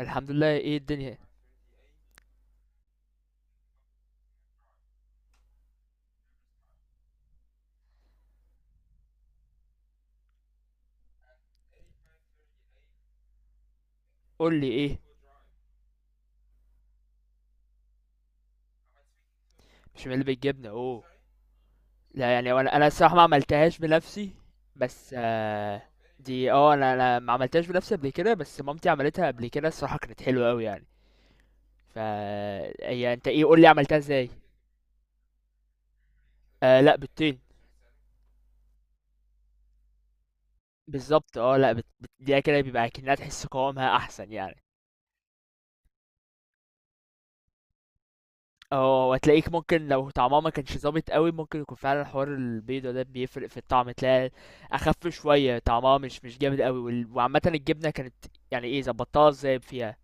الحمد لله. ايه الدنيا؟ قول لي ايه. مش من اللي بتجيبنا؟ اوه، لا يعني وانا انا الصراحه ما عملتهاش بنفسي. بس دي، اه، انا ما عملتهاش بنفسي قبل كده، بس مامتي عملتها قبل كده الصراحه، كانت حلوه قوي يعني. فا هي انت ايه؟ قول لي عملتها ازاي. آه لا بالطين. بالظبط. اه لا دي كده بيبقى كأنها تحس قوامها احسن يعني. اه وهتلاقيك ممكن لو طعمها ما كانش ظابط قوي، ممكن يكون فعلا حوار البيضة ده بيفرق في الطعم، تلاقي اخف شوية، طعمها مش جامد قوي. وعامة الجبنة كانت يعني ايه، ظبطتها ازاي فيها؟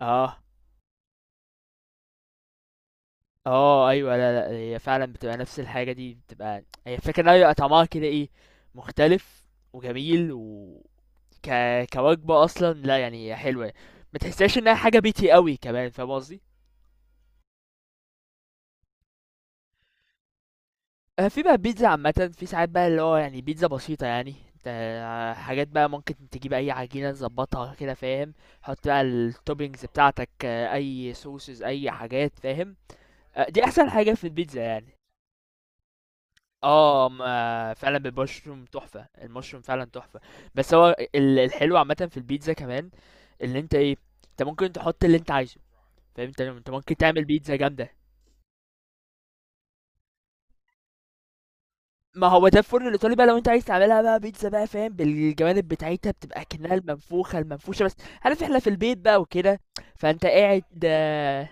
اه اه ايوه. لا، هي فعلا بتبقى نفس الحاجة دي، بتبقى هي الفكرة ان هي بيبقى طعمها كده ايه، مختلف وجميل و ك... كوجبة اصلا، لا يعني هي حلوة، ما تحسهاش انها حاجة بيتي قوي كمان، فاهم قصدي؟ في بقى بيتزا عامة، في ساعات بقى اللي هو يعني بيتزا بسيطة يعني، انت حاجات بقى ممكن تجيب اي عجينة تظبطها كده فاهم، حط بقى التوبينجز بتاعتك، اي سوسز اي حاجات فاهم. دي احسن حاجة في البيتزا يعني. اه فعلا بالمشروم تحفة، المشروم فعلا تحفة. بس هو الحلو عامة في البيتزا كمان، اللي انت ايه، انت ممكن تحط اللي انت عايزه، فاهم؟ انت ممكن تعمل بيتزا جامدة. ما هو ده الفرن الايطالي بقى، لو انت عايز تعملها بقى بيتزا بقى فاهم، بالجوانب بتاعتها بتبقى كأنها المنفوخه المنفوشه بس. عارف احنا في البيت بقى وكده، فانت قاعد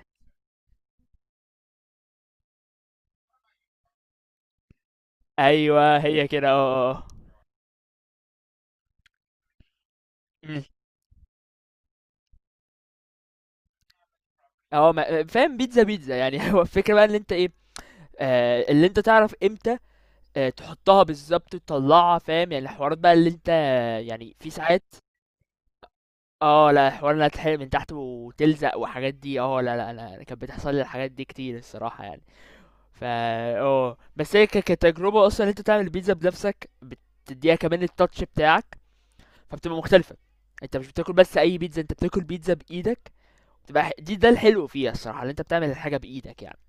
ايوه هي كده اه اه. مم. اه فاهم، بيتزا بيتزا يعني هو الفكره بقى ان انت ايه، آه اللي انت تعرف امتى، آه تحطها بالظبط تطلعها، فاهم يعني الحوارات بقى اللي انت يعني في ساعات. اه لا، حوار انها تتحرق من تحت وتلزق وحاجات دي، اه لا انا، كانت بتحصل لي الحاجات دي كتير الصراحه يعني. فا اه بس هي كتجربة اصلا انت تعمل البيتزا بنفسك، بتديها كمان التاتش بتاعك، فبتبقى مختلفة، انت مش بتاكل بس اي بيتزا، انت بتاكل بيتزا بايدك، تبقى دي ده الحلو فيها الصراحة، اللي انت بتعمل الحاجة بايدك يعني.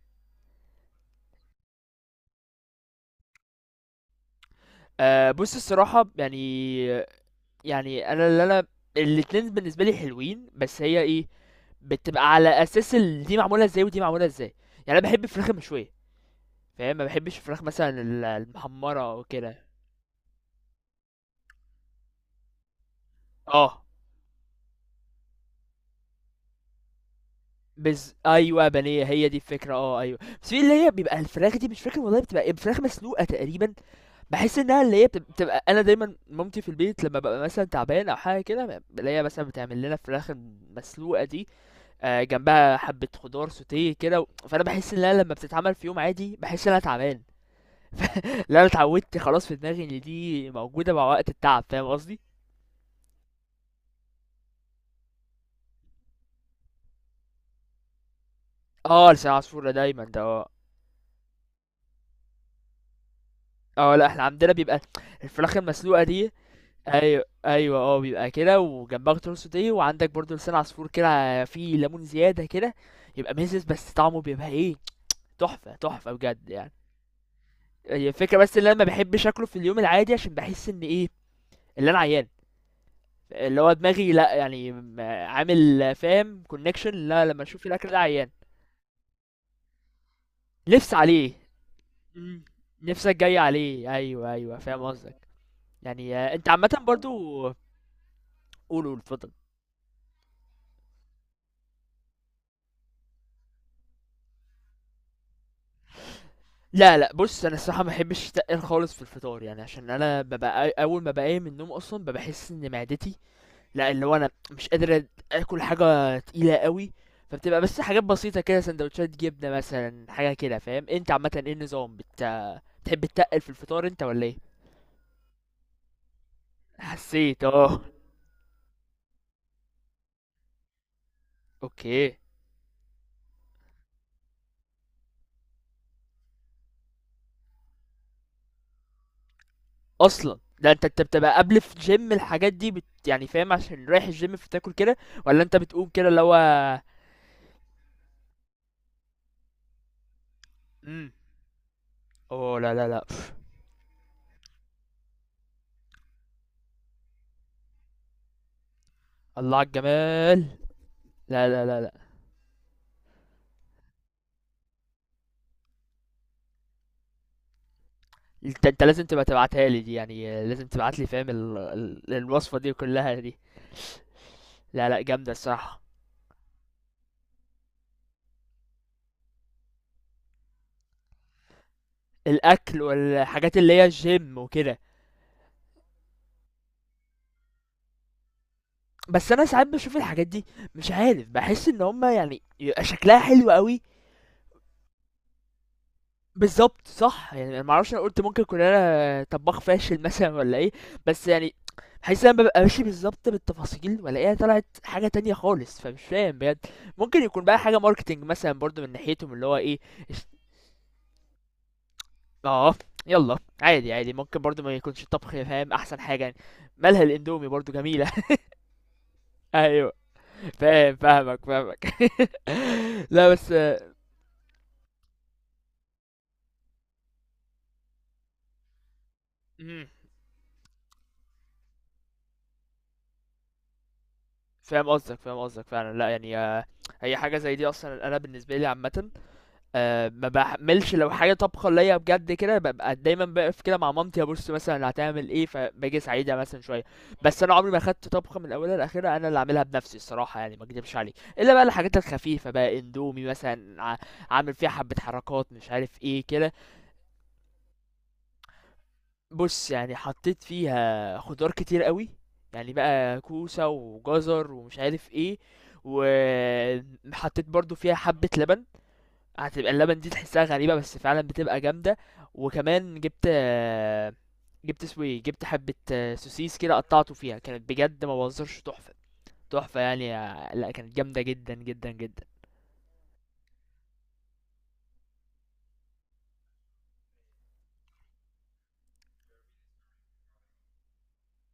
أه بص الصراحة يعني، يعني انا اللي انا الاتنين بالنسبة لي حلوين، بس هي ايه، بتبقى على اساس دي معمولة ازاي ودي معمولة ازاي، يعني انا بحب الفراخ المشوية، فاهم؟ ما بحبش الفراخ مثلا المحمرة او كده. اه بز ايوه بانيه، هي دي الفكره اه ايوه، بس في اللي هي بيبقى الفراخ دي مش فاكر والله بتبقى إيه، فراخ مسلوقه تقريبا، بحس انها اللي هي بتبقى، انا دايما مامتي في البيت لما ببقى مثلا تعبان او حاجه كده، بلاقيها مثلا بتعمل لنا فراخ مسلوقه دي، جنبها حبه خضار سوتيه كده فانا بحس ان انا لما بتتعمل في يوم عادي بحس ان انا تعبان. لا انا اتعودت خلاص، في دماغي ان دي موجوده مع وقت التعب، فاهم قصدي؟ اه لسان عصفور ده دايما ده اه. اه لا، احنا عندنا بيبقى الفراخ المسلوقه دي. ايوه ايوه اه، بيبقى كده وجنبها خضار سوتيه، وعندك برضو لسان عصفور كده فيه ليمون زياده كده، يبقى مزز، بس طعمه بيبقى ايه، تحفه تحفه بجد يعني. هي الفكره بس ان انا ما بحبش اكله في اليوم العادي، عشان بحس ان ايه، اللي انا عيان، اللي هو دماغي، لا يعني عامل فاهم كونكشن، لا لما اشوف الاكل ده عيان. نفس عليه. مم. نفسك جاي عليه، ايوه ايوه فاهم قصدك. يعني انت عامه برضو قول. قول اتفضل. لا لأ، بُص أنا الصراحة ما باحبش التقّل خالص في الفطار، يعني عشان أنا بابقى أول ما باقوم من النوم أصلًا بابقى باحس إن معدتي لأ، اللي هو أنا مش قادر آكل حاجة تقيلة أوي، فبتبقى بس حاجات بسيطة كده، ساندوتشات جبنة مثلًا، حاجة كده فاهم؟ أنت عامةً إيه النظام، بتحب تتقّل في الفطار أنت والّا إيه؟ حسيت أوكي. أصلًا! ده أنت بتبقى قبل في الGym، الحاجات دي يعني فاهم عشان رايح الGym فتاكل كده، والّا أنت بتقوم كده اللي هو إمم، أوه! لا. الله على الجمال. لا. انت لازم تبقى تبعتها لي دي، يعني لازم تبعت لي فاهم الوصفة دي كلها دي. لا لا جامدة الصراحة. الأكل والحاجات اللي هي الجيم وكده. بس أنا ساعات بشوف الحاجات دي مش عارف، بحس إن هما يعني يبقى شكلها حلو قوي. بالظبط صح، يعني أنا معرفش، أنا قلت ممكن أكون أنا طباخ فاشل مثلا ولا إيه، بس يعني بحس إن أنا ببقى ماشي بالظبط بالتفاصيل وألاقيها طلعت حاجة تانية خالص، فمش فاهم بجد، ممكن يكون بقى حاجة ماركتينج مثلا برضو من ناحيتهم اللي هو إيه. اه يلا عادي عادي، ممكن برضو ما يكونش الطبخ فاهم احسن حاجه يعني، مالها الاندومي برضو جميله. ايوه. فاهم، فاهمك. لا بس مم. فاهم قصدك، فاهم قصدك فعلا، لا يعني هي حاجه زي دي اصلا انا بالنسبه لي عامه آه ما بحملش، لو حاجه طبخه ليا بجد كده ببقى دايما بقف كده مع مامتي ابص مثلا اللي هتعمل ايه، فباجي اساعدها مثلا شويه، بس انا عمري ما خدت طبخه من اولها لاخرها انا اللي اعملها بنفسي الصراحه يعني، ما اكدبش عليك الا بقى الحاجات الخفيفه، بقى اندومي مثلا عامل فيها حبه حركات مش عارف ايه كده. بص يعني حطيت فيها خضار كتير قوي، يعني بقى كوسه وجزر ومش عارف ايه، وحطيت برضو فيها حبه لبن، هتبقى اللبن دي تحسها غريبة بس فعلا بتبقى جامدة، وكمان جبت جبت اسمه ايه، جبت حبة سوسيس كده قطعته فيها، كانت بجد ما بهزرش تحفة، تحفة يعني لا كانت جامدة جدا جدا جدا.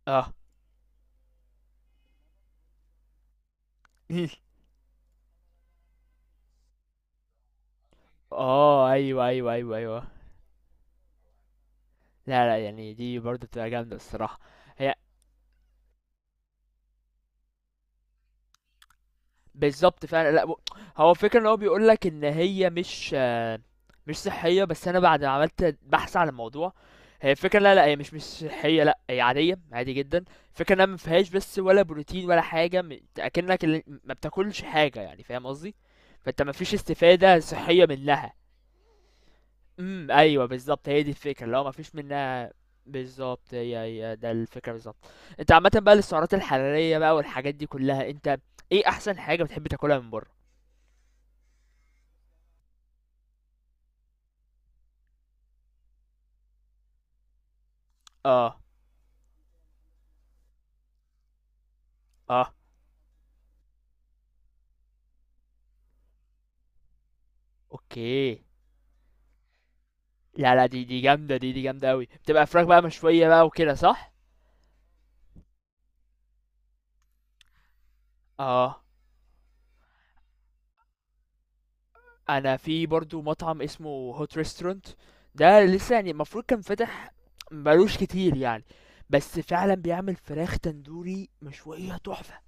اه اه ايوه. لا لا، يعني دي برضه بتبقى جامدة الصراحة. هي بالضبط فعلًا، لأ و هو الفكرة إن هو بيقول لك إن هي مش صحية، بس أنا بعد ما عملت بحث عن الموضوع، هي الفكرة لا، لأ، هي مش صحية لأ، هي عادية، عادي جدًا، الفكرة إنها ما فيهاش بس ولا بروتين ولا حاجة، أكنك ما بتاكلش حاجة يعني فاهم قصدي؟ فأنت ما فيش استفادة صحية منها. إمم، أيوه بالضبط، هي دي الفكرة، اللي هو ما فيش منها. بالضبط، هي ده الفكرة بالضبط. أنت عامةً بقى للسعرات الحرارية بقى والحاجات دي كلها، أنت إيه أحسن حاجة بتحب تاكلها من برّه؟ اه. اه. اوكي. لا لا، دي جامدة، دي جامدة أوي، بتبقى فراخ بقى مشوية بقى وكده صح؟ اه. أنا في برضو مطعم اسمه هوت ريستورانت، ده لسه يعني، المفروض كان فاتح مبقالوش كتير يعني، بس فعلا بيعمل فراخ تندوري مشوية تحفة،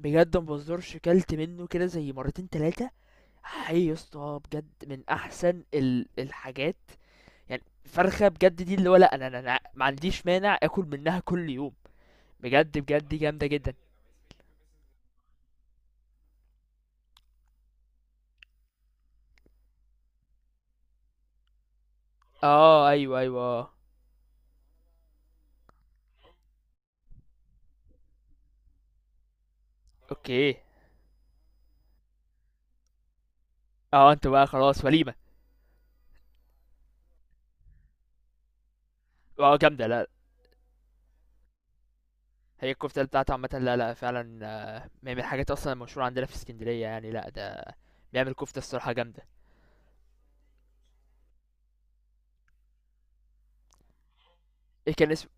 بجد ما بهزرش، كلت منه كده زي مرتين تلاتة، حي يا اسطى بجد من أحسن الحاجات، يعني فرخة بجد دي، اللي هو لأ أنا ما عنديش مانع آكل منها كل يوم، بجد بجد دي جامدة جدًا. أيوه، أيوه، أوكي. آه، أنتم بقى خلاص وليمة. آه، جامدة لأ. هي الكفتة بتاعته عامةً، لأ، لأ، فعلًا من الحاجات أصلًا المشهورة عندنا في إسكندرية يعني، لأ، ده بيعمل كفتة الصراحة جامدة. إيه كان اسمه؟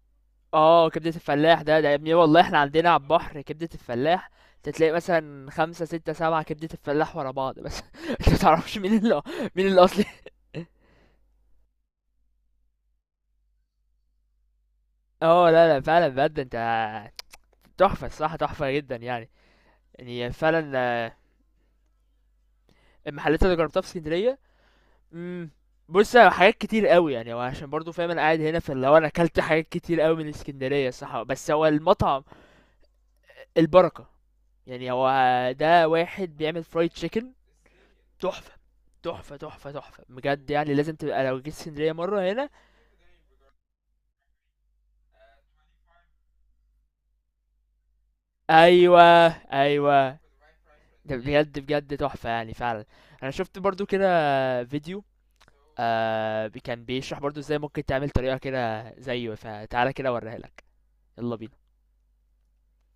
كبدة الفلاح ده، ده يا ابني والله إحنا عندنا على البحر كبدة الفلاح، تلاقي مثلًا 5، 6، 7 كبدة الفلاح ورا بعض مثلًا، أنت ما تعرفش مين مين الأصلي. لأ، لأ، فعلًا بجد أنت، تحفة الصراحة تحفة جدًا يعني. يعني فعلًا. المحلات اللي جربتها في اسكندريه. امم، بص على حاجات كتير قوي يعني، هو عشان برضو فاهم انا قاعد هنا، فاللي هو انا اكلت حاجات كتير قوي من اسكندريه صح، بس هو المطعم البركه، يعني هو ده واحد بيعمل فرايد تشيكن تحفه، تحفه بجد يعني، لازم تبقى لو جيت اسكندريه مره هنا. ايوه. ايوه. ده بجد بجد تحفه يعني فعلا. انا شفت برضو كده فيديو، كان بيشرح برضو ازاي ممكن تعمل طريقه كده زيه، فتعالى كده اوريها لك. يلا بينا.